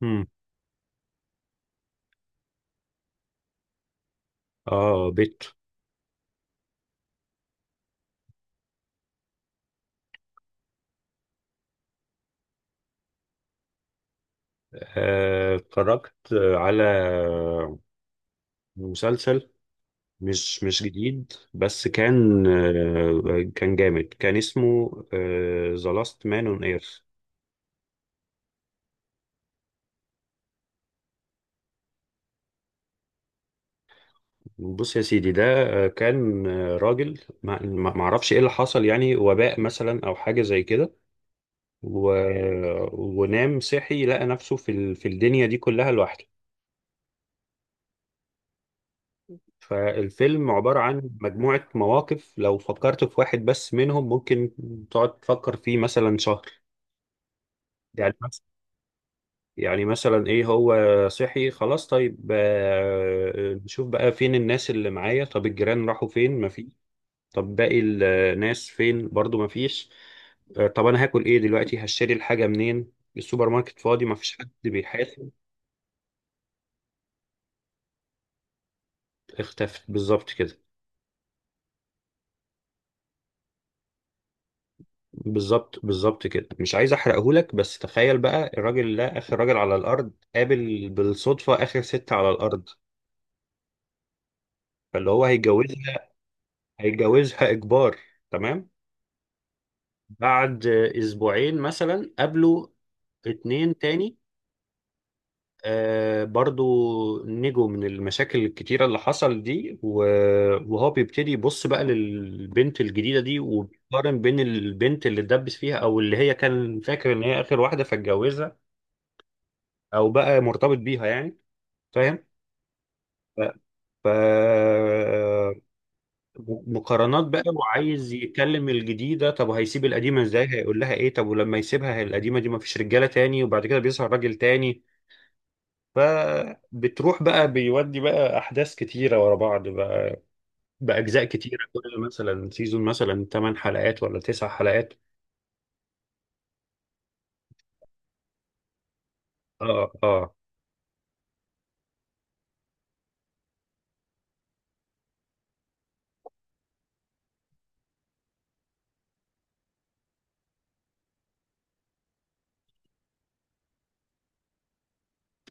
مم. اه، بيت. اتفرجت على مسلسل مش جديد، بس كان جامد. كان اسمه ذا لاست مان اون ايرث. بص يا سيدي، ده كان راجل، ما اعرفش ايه اللي حصل، يعني وباء مثلا او حاجة زي كده. و... ونام صحي، لقى نفسه في في الدنيا دي كلها لوحده. فالفيلم عبارة عن مجموعة مواقف، لو فكرت في واحد بس منهم ممكن تقعد تفكر فيه مثلا شهر. يعني مثلا يعني مثلا ايه؟ هو صحي، خلاص، طيب، نشوف بقى فين الناس اللي معايا. طب الجيران راحوا فين؟ مفيش. طب باقي الناس فين برضو؟ مفيش. طب انا هاكل ايه دلوقتي؟ هشتري الحاجة منين؟ السوبر ماركت فاضي، مفيش حد بيحاسب. اختفت بالظبط كده. بالظبط كده، مش عايز احرقهولك، بس تخيل بقى الراجل ده اخر راجل على الارض، قابل بالصدفه اخر ست على الارض، فاللي هو هيتجوزها. هيتجوزها اجبار، تمام. بعد اسبوعين مثلا قابلوا اتنين تاني، آه برضو نجوا من المشاكل الكتيرة اللي حصل دي. وهو بيبتدي يبص بقى للبنت الجديدة دي، وبيقارن بين البنت اللي اتدبس فيها، أو اللي هي كان فاكر إن هي آخر واحدة فاتجوزها او بقى مرتبط بيها يعني. فاهم؟ ف ف- مقارنات بقى، وعايز يكلم الجديده. طب وهيسيب القديمه ازاي؟ هيقول لها ايه؟ طب ولما يسيبها هي، القديمه دي ما فيش رجاله تاني، وبعد كده بيظهر راجل تاني. فبتروح بقى، بيودي بقى احداث كتيره ورا بعض بقى، باجزاء كتيره. كل مثلا سيزون مثلا 8 حلقات ولا 9 حلقات. اه اه.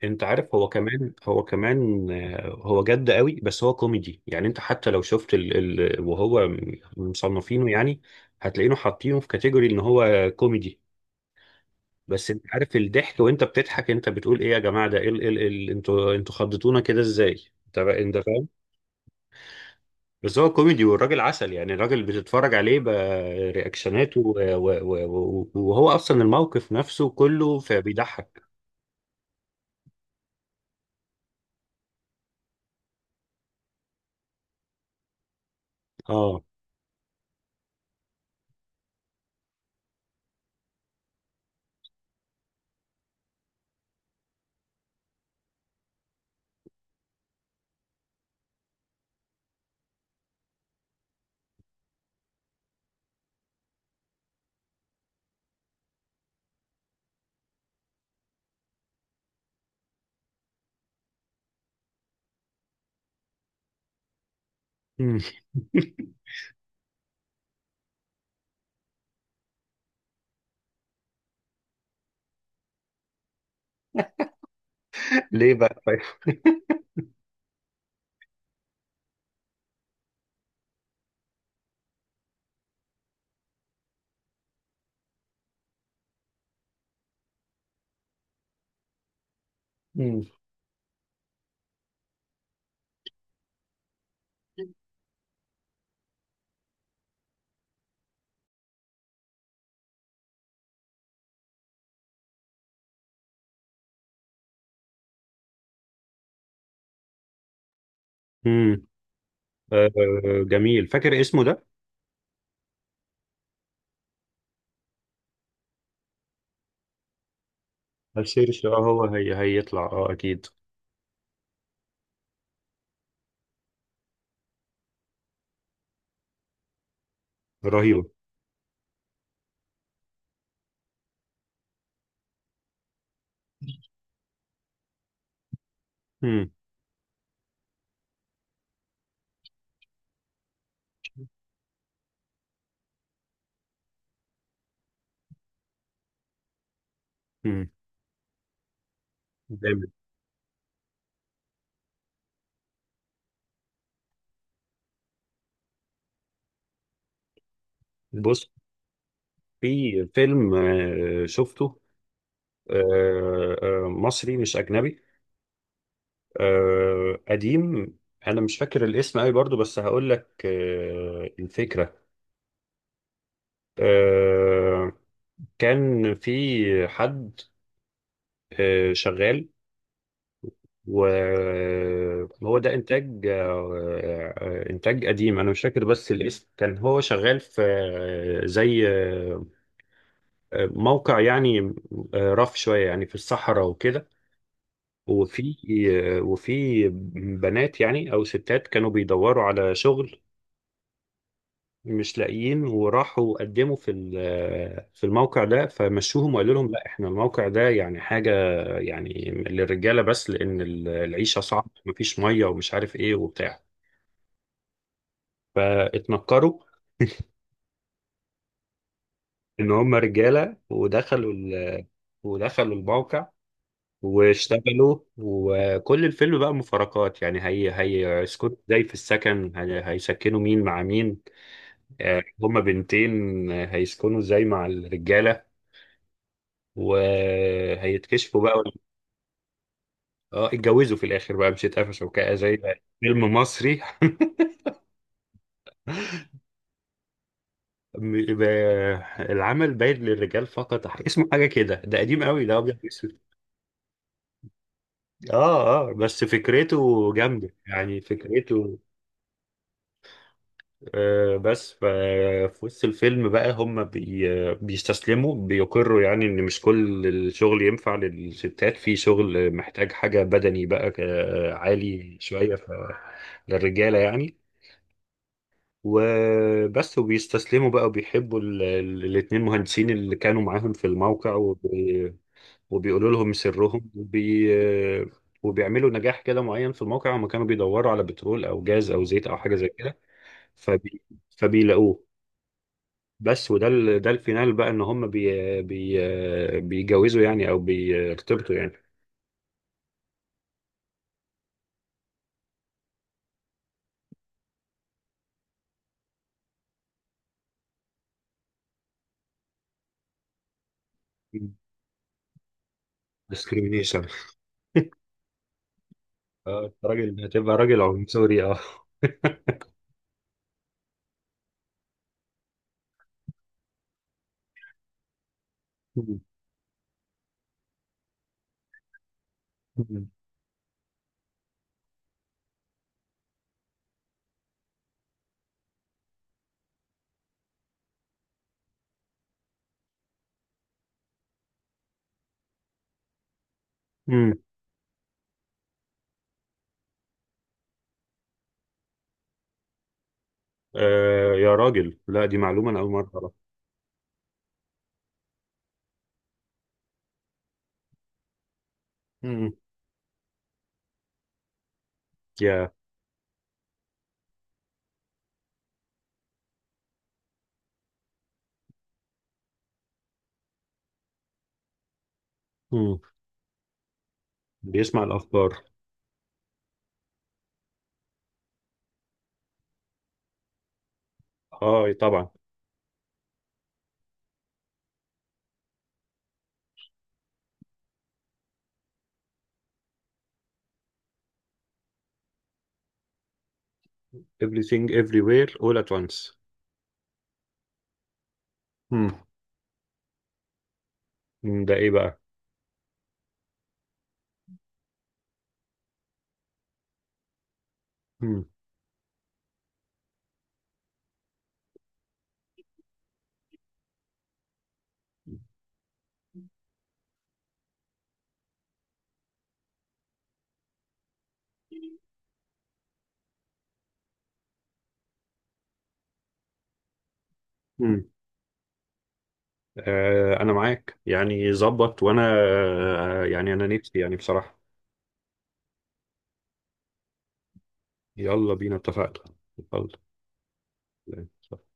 انت عارف، هو كمان هو كمان، هو جد قوي، بس هو كوميدي يعني. انت حتى لو شفت وهو مصنفينه يعني، هتلاقينه حاطينه في كاتيجوري ان هو كوميدي. بس انت عارف، الضحك وانت بتضحك انت بتقول ايه يا جماعه، ده ايه انتوا خضتونا كده ازاي؟ انت فاهم؟ بس هو كوميدي، والراجل عسل يعني. الراجل بتتفرج عليه برياكشناته وهو اصلا الموقف نفسه كله، فبيضحك. اه ليه بقى طيب؟ مم. آه جميل. فاكر اسمه ده؟ السيرش، اه هو هيطلع، اه اكيد. رهيب. مم. مم. جامد. بص، في فيلم شفته، آه مصري مش اجنبي، قديم. انا مش فاكر الاسم قوي برضو، بس هقول لك الفكرة. آه كان في حد شغال، وهو ده انتاج انتاج قديم. انا مش فاكر، بس الاسم كان هو شغال في آه، زي آه، آه، موقع يعني، رف شويه يعني في الصحراء وكده. وفي وفي بنات يعني او ستات كانوا بيدوروا على شغل، مش لاقيين، وراحوا قدموا في في الموقع ده. فمشوهم وقالوا لهم لا، احنا الموقع ده يعني حاجه يعني للرجاله بس، لان العيشه صعبه، مفيش ميه ومش عارف ايه وبتاع. فاتنكروا ان هم رجاله، ودخلوا ودخلوا الموقع، واشتغلوا. وكل الفيلم بقى مفارقات يعني، هي سكوت ازاي في السكن؟ هيسكنوا مين مع مين؟ هما بنتين، هيسكنوا ازاي مع الرجاله؟ وهيتكشفوا بقى اه، اتجوزوا في الاخر بقى، مش اتقفشوا كده زي فيلم مصري. م- ب- العمل باين للرجال فقط، اسمه حاجه كده. ده قديم قوي، ده ابيض وأسود. اه اه، بس فكرته جامدة يعني، فكرته بس. في وسط الفيلم بقى هم بيستسلموا، بيقروا يعني ان مش كل الشغل ينفع للستات، في شغل محتاج حاجة بدني بقى عالي شوية، ف للرجالة يعني. وبس، وبيستسلموا بقى، وبيحبوا الاتنين مهندسين اللي كانوا معاهم في الموقع، وبيقولوا لهم سرهم، وبيعملوا نجاح كده معين في الموقع. هم كانوا بيدوروا على بترول او جاز او زيت او حاجه زي كده، فبي... فبيلاقوه بس. وده ده الفينال بقى، ان هم بيجوزوا يعني او بيرتبطوا يعني. discrimination. اه، أنت راجل هتبقى راجل عنصري، اه. امم. يا راجل، لا، دي معلومه انا اول مره اعرفها. امم. يا. امم. بيسمع الافكار. اه طبعا. everything everywhere all at once. مم. مم. ده ايه بقى؟ مم. مم. انا معاك يعني، ظبط. وانا يعني انا نفسي يعني، بصراحة. يلا بينا، اتفقنا. اتفضل.